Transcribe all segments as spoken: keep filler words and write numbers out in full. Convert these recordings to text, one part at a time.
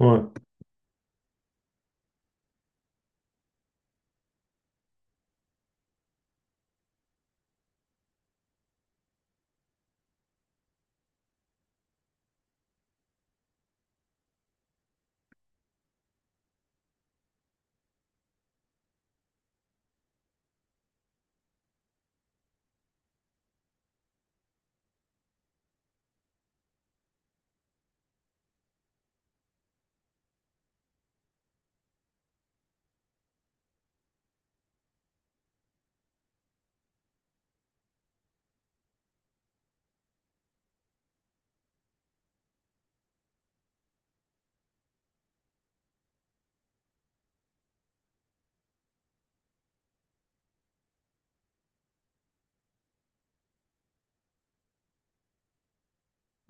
Ouais.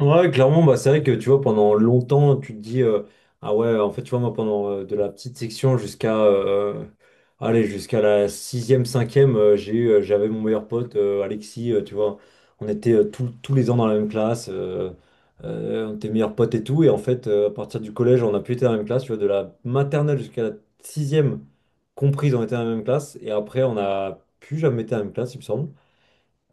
Ouais, clairement, bah, c'est vrai que tu vois, pendant longtemps, tu te dis, euh, ah ouais, en fait, tu vois, moi, pendant euh, de la petite section jusqu'à euh, allez, jusqu'à la sixième, cinquième, euh, j'ai eu, euh, j'avais mon meilleur pote, euh, Alexis, euh, tu vois, on était euh, tous tous les ans dans la même classe, euh, euh, on était meilleurs potes et tout, et en fait, euh, à partir du collège, on a pu être dans la même classe, tu vois, de la maternelle jusqu'à la sixième comprise, on était dans la même classe, et après, on n'a plus jamais été dans la même classe, il me semble.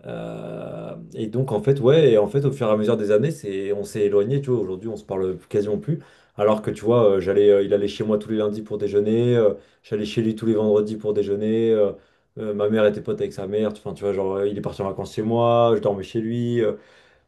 Euh, et donc en fait ouais, et en fait au fur et à mesure des années, c'est on s'est éloigné, tu vois, aujourd'hui on se parle quasiment plus, alors que tu vois, euh, j'allais euh, il allait chez moi tous les lundis pour déjeuner, euh, j'allais chez lui tous les vendredis pour déjeuner, euh, euh, ma mère était pote avec sa mère, enfin tu vois, genre euh, il est parti en vacances chez moi, je dormais chez lui, euh,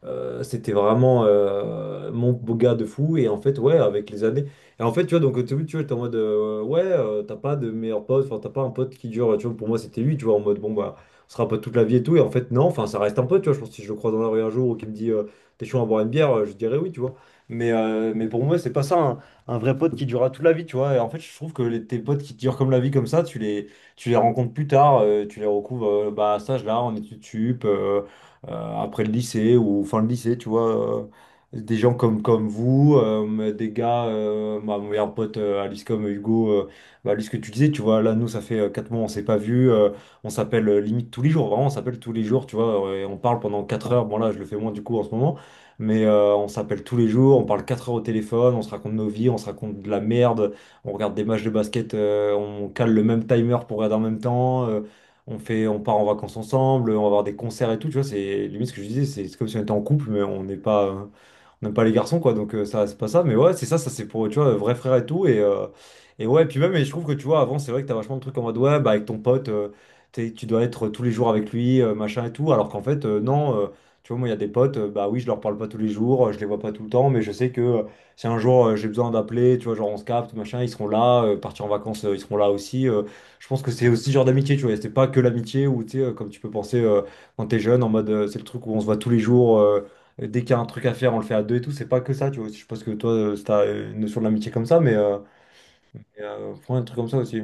euh, c'était vraiment euh, mon beau gars de fou. Et en fait, ouais, avec les années. Et en fait, tu vois, donc au début, tu vois, t'es en mode, euh, ouais, euh, t'as pas de meilleur pote, enfin, t'as pas un pote qui dure, tu vois, pour moi, c'était lui, tu vois, en mode, bon, bah, on sera pote toute la vie et tout. Et en fait, non, enfin, ça reste un pote, tu vois. Je pense que si je le croise dans la rue un jour ou qu'il me dit, euh, t'es chaud à boire une bière, euh, je dirais oui, tu vois. Mais, euh, mais pour moi, c'est pas ça, un, un vrai pote qui durera toute la vie, tu vois. Et en fait, je trouve que les, tes potes qui durent comme la vie, comme ça, tu les, tu les rencontres plus tard, euh, tu les recouvres, euh, bah, à cet âge-là, en études sup. euh, euh, après le lycée ou fin de lycée, tu vois. Euh, des gens comme, comme vous, euh, des gars, euh, ma mon meilleur pote euh, Alice comme Hugo, euh, bah, Alice que tu disais, tu vois, là nous ça fait euh, quatre mois on s'est pas vu, euh, on s'appelle euh, limite tous les jours, vraiment on s'appelle tous les jours, tu vois, euh, et on parle pendant quatre heures, bon là je le fais moins du coup en ce moment, mais euh, on s'appelle tous les jours, on parle quatre heures au téléphone, on se raconte nos vies, on se raconte de la merde, on regarde des matchs de basket, euh, on cale le même timer pour regarder en même temps. Euh, on fait, on part en vacances ensemble, on va voir des concerts et tout, tu vois, c'est limite ce que je disais, c'est c'est comme si on était en couple, mais on n'est pas, euh, on n'aime pas les garçons, quoi, donc euh, ça, c'est pas ça. Mais ouais, c'est ça, ça c'est pour, tu vois, vrai frère et tout. Et, euh, et ouais, puis même, et je trouve que tu vois, avant, c'est vrai que t'as vachement de trucs en mode, ouais, bah, avec ton pote, euh, t'es- tu dois être tous les jours avec lui, euh, machin et tout. Alors qu'en fait, euh, non, euh, tu vois, moi, il y a des potes, euh, bah oui, je leur parle pas tous les jours, euh, je les vois pas tout le temps, mais je sais que euh, si un jour euh, j'ai besoin d'appeler, tu vois, genre on se capte, machin, ils seront là, euh, partir en vacances, euh, ils seront là aussi. euh. Je pense que c'est aussi ce genre d'amitié, tu vois, c'est pas que l'amitié où, tu sais, euh, comme tu peux penser euh, quand t'es jeune, en mode, euh, c'est le truc où on se voit tous les jours. euh, euh, dès qu'il y a un truc à faire, on le fait à deux et tout. C'est pas que ça, tu vois. Je pense que toi, euh, t'as euh, une notion de l'amitié comme ça, mais euh, mais, euh, prends un truc comme ça aussi.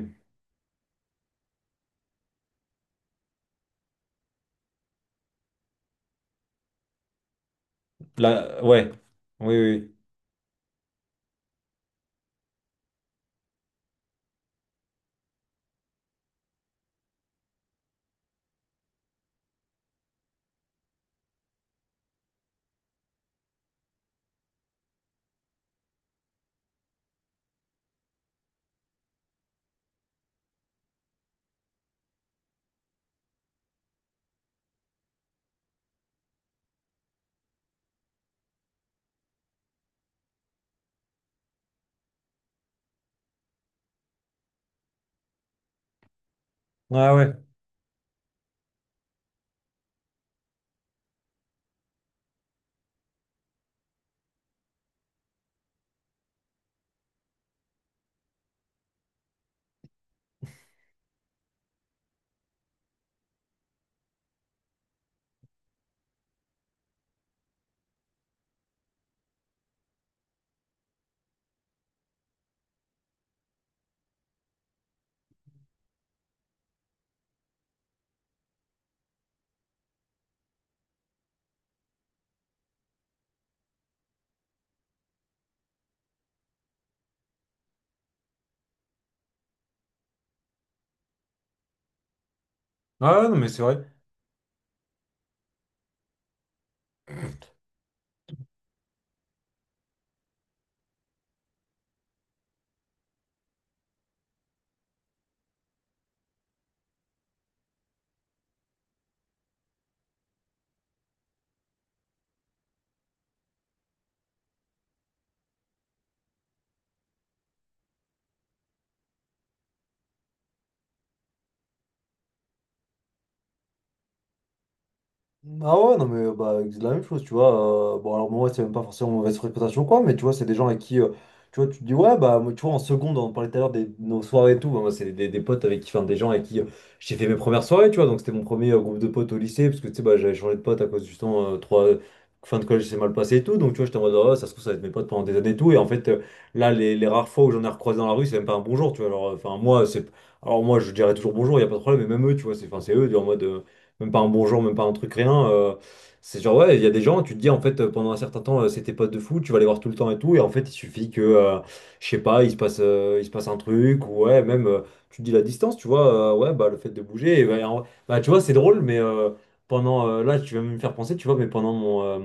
Là, ouais. Oui, oui. Oui. Ouais, ouais. Ouais, ouais, non, mais c'est vrai. Ah ouais, non mais bah, c'est la même chose, tu vois. Euh, bon, alors moi, c'est même pas forcément mauvaise fréquentation ou quoi, mais tu vois, c'est des gens avec qui, euh, tu vois, tu te dis, ouais, bah, moi, tu vois, en seconde, on parlait tout à l'heure des nos soirées et tout. Bah, moi, c'est des, des potes avec qui, enfin, des gens avec qui euh, j'ai fait mes premières soirées, tu vois. Donc, c'était mon premier euh, groupe de potes au lycée, parce que, tu sais, bah, j'avais changé de pote à cause, justement, euh, trois fin de collège, c'est mal passé et tout. Donc, tu vois, j'étais en mode, ah, ça se trouve, ça va être mes potes pendant des années et tout. Et en fait, euh, là, les, les rares fois où j'en ai recroisé dans la rue, c'est même pas un bonjour, tu vois. Alors, enfin, moi, c'est. Alors, moi, je dirais toujours bonjour, il a pas de problème, mais même eux, tu vois, c'est enfin, c'est eux, en mode. Euh, même pas un bonjour, même pas un truc, rien. Euh, c'est genre, ouais, il y a des gens, tu te dis, en fait, euh, pendant un certain temps, euh, c'est tes potes de foot, tu vas les voir tout le temps et tout, et en fait, il suffit que, euh, je sais pas, il se passe, euh, il se passe un truc, ou ouais, même, euh, tu te dis la distance, tu vois, euh, ouais, bah, le fait de bouger, et bah, en- bah, tu vois, c'est drôle, mais euh, pendant, euh, là, tu vas me faire penser, tu vois, mais pendant mon, euh,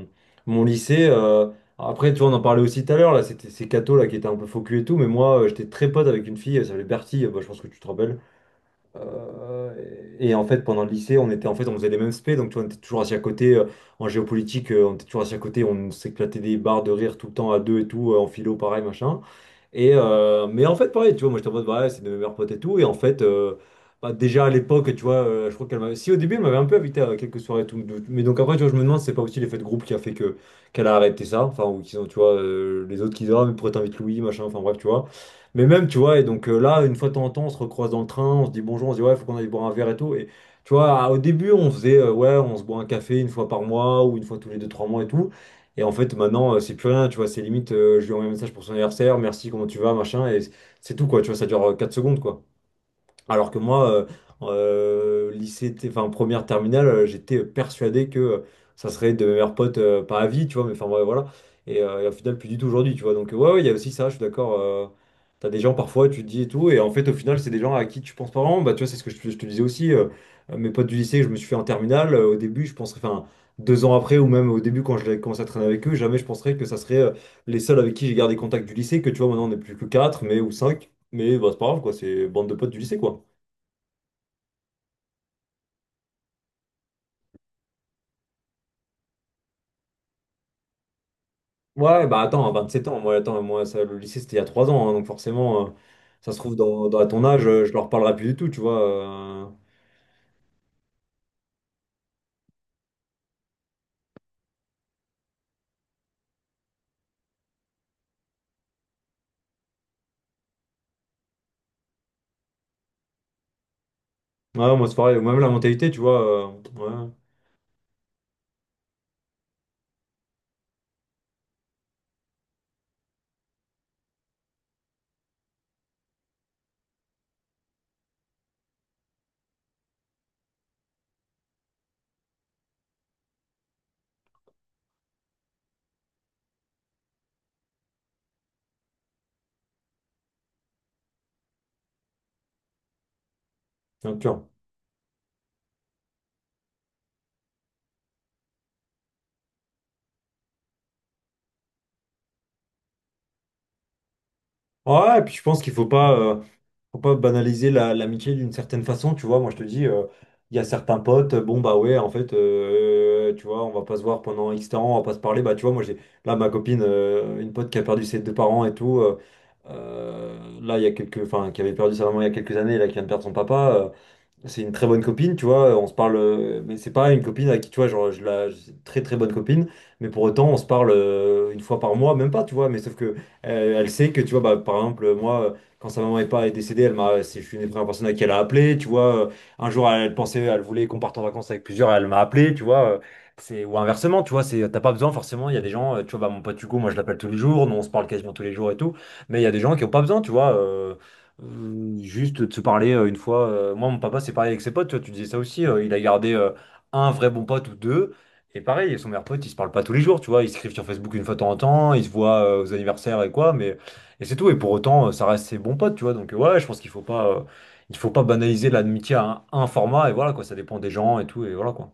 mon lycée, euh, après, tu vois, on en parlait aussi tout à l'heure, là, c'était ces cathos, là, qui étaient un peu focus et tout, mais moi, euh, j'étais très pote avec une fille, elle s'appelait Bertie, euh, bah, je pense que tu te rappelles. Euh, et en fait, pendant le lycée, on était en fait, on faisait les mêmes spé, donc tu vois, on était toujours assis à côté euh, en géopolitique, euh, on était toujours assis à côté, on s'éclatait des barres de rire tout le temps à deux et tout, euh, en philo, pareil, machin. Et, euh, mais en fait, pareil, tu vois, moi j'étais en mode, bah, ouais, c'est de mes meilleurs potes et tout. Et en fait, euh, bah, déjà à l'époque, tu vois, euh, je crois qu'elle m'avait. Si au début, elle m'avait un peu invité à quelques soirées et tout. de- Mais donc après, tu vois, je me demande si c'est pas aussi l'effet de groupe qui a fait que qu'elle a arrêté ça. Enfin, ou qu'ils ont, tu vois, euh, les autres qui disent, ah, mais pourquoi t'invites Louis, machin, enfin bref, tu vois. Mais même, tu vois, et donc euh, là, une fois de temps en temps, on se recroise dans le train, on se dit bonjour, on se dit, ouais, faut qu'on aille boire un verre et tout. Et tu vois, au début, on faisait, euh, ouais, on se boit un café une fois par mois ou une fois tous les deux, trois mois et tout. Et en fait, maintenant, euh, c'est plus rien, tu vois, c'est limite, euh, je lui envoie un message pour son anniversaire, merci, comment tu vas, machin, et c'est tout, quoi, tu vois, ça dure euh, quatre secondes, quoi. Alors que moi, euh, euh, lycée, t- enfin première terminale, euh, j'étais persuadé que euh, ça serait de mes meilleurs potes, euh, pas à vie, tu vois, mais enfin ouais, voilà. Et, euh, et au final, plus du tout aujourd'hui, tu vois. Donc euh, ouais, ouais, il y a aussi ça, je suis d'accord. euh, T'as des gens parfois, tu te dis et tout, et en fait, au final, c'est des gens à qui tu penses pas vraiment. Bah, tu vois, c'est ce que je, te je te disais aussi. euh, euh, mes potes du lycée, que je me suis fait en terminale. Euh, au début, je penserais, enfin, deux ans après, ou même au début, quand je l'ai commencé à traîner avec eux, jamais je penserais que ça serait euh, les seuls avec qui j'ai gardé contact du lycée, que tu vois, maintenant on n'est plus que quatre, mais ou cinq. Mais bah, c'est pas grave, quoi, c'est bande de potes du lycée, quoi. Ouais, bah attends, à vingt-sept ans, moi, attends, moi, ça, le lycée, c'était il y a trois ans, hein, donc forcément, euh, ça se trouve, dans, dans- à ton âge, euh, je leur parlerai plus du tout, tu vois. euh. Ouais, moi, c'est pareil, même la mentalité, tu vois, euh, ouais, bien sûr. Ouais, et puis je pense qu'il faut pas, euh, faut pas banaliser la- l'amitié d'une certaine façon, tu vois. Moi, je te dis, euh, il y a certains potes, bon, bah ouais, en fait, euh, tu vois, on va pas se voir pendant X temps, on va pas se parler. Bah, tu vois, moi, j'ai là ma copine, euh, une pote qui a perdu ses deux parents et tout, euh, euh, là, il y a quelques, enfin, qui avait perdu sa maman il y a quelques années, là, qui vient de perdre son papa. Euh, c'est une très bonne copine, tu vois, on se parle, euh, mais c'est pas une copine à qui, tu vois, genre, je la, c'est une très très bonne copine, mais pour autant, on se parle euh, une fois par mois, même pas, tu vois, mais sauf que euh, elle sait que, tu vois, bah, par exemple, moi, euh, quand sa maman est pas est décédée, elle m'a, c'est- je suis une des premières personnes à qui elle a appelé, tu vois, euh, un jour, elle, elle pensait, elle voulait qu'on parte en vacances avec plusieurs, elle m'a appelé, tu vois, euh, c'est, ou inversement, tu vois, c'est, t'as pas besoin, forcément, il y a des gens, euh, tu vois, bah, mon pote Hugo, moi, je l'appelle tous les jours, nous, on se parle quasiment tous les jours et tout, mais il y a des gens qui ont pas besoin, tu vois, euh, euh, juste de se parler euh, une fois. Euh, moi, mon papa, c'est pareil avec ses potes, tu vois, tu disais ça aussi. Euh, il a gardé euh, un vrai bon pote ou deux. Et pareil, son meilleur pote, ils se parlent pas tous les jours, tu vois. Ils s'écrivent sur Facebook une fois de temps en temps, ils se voient euh, aux anniversaires et quoi, mais et c'est tout. Et pour autant, euh, ça reste ses bons potes, tu vois. Donc, euh, ouais, je pense qu'il faut pas, euh, il faut pas banaliser l'amitié à un, un format. Et voilà, quoi, ça dépend des gens et tout. Et voilà, quoi.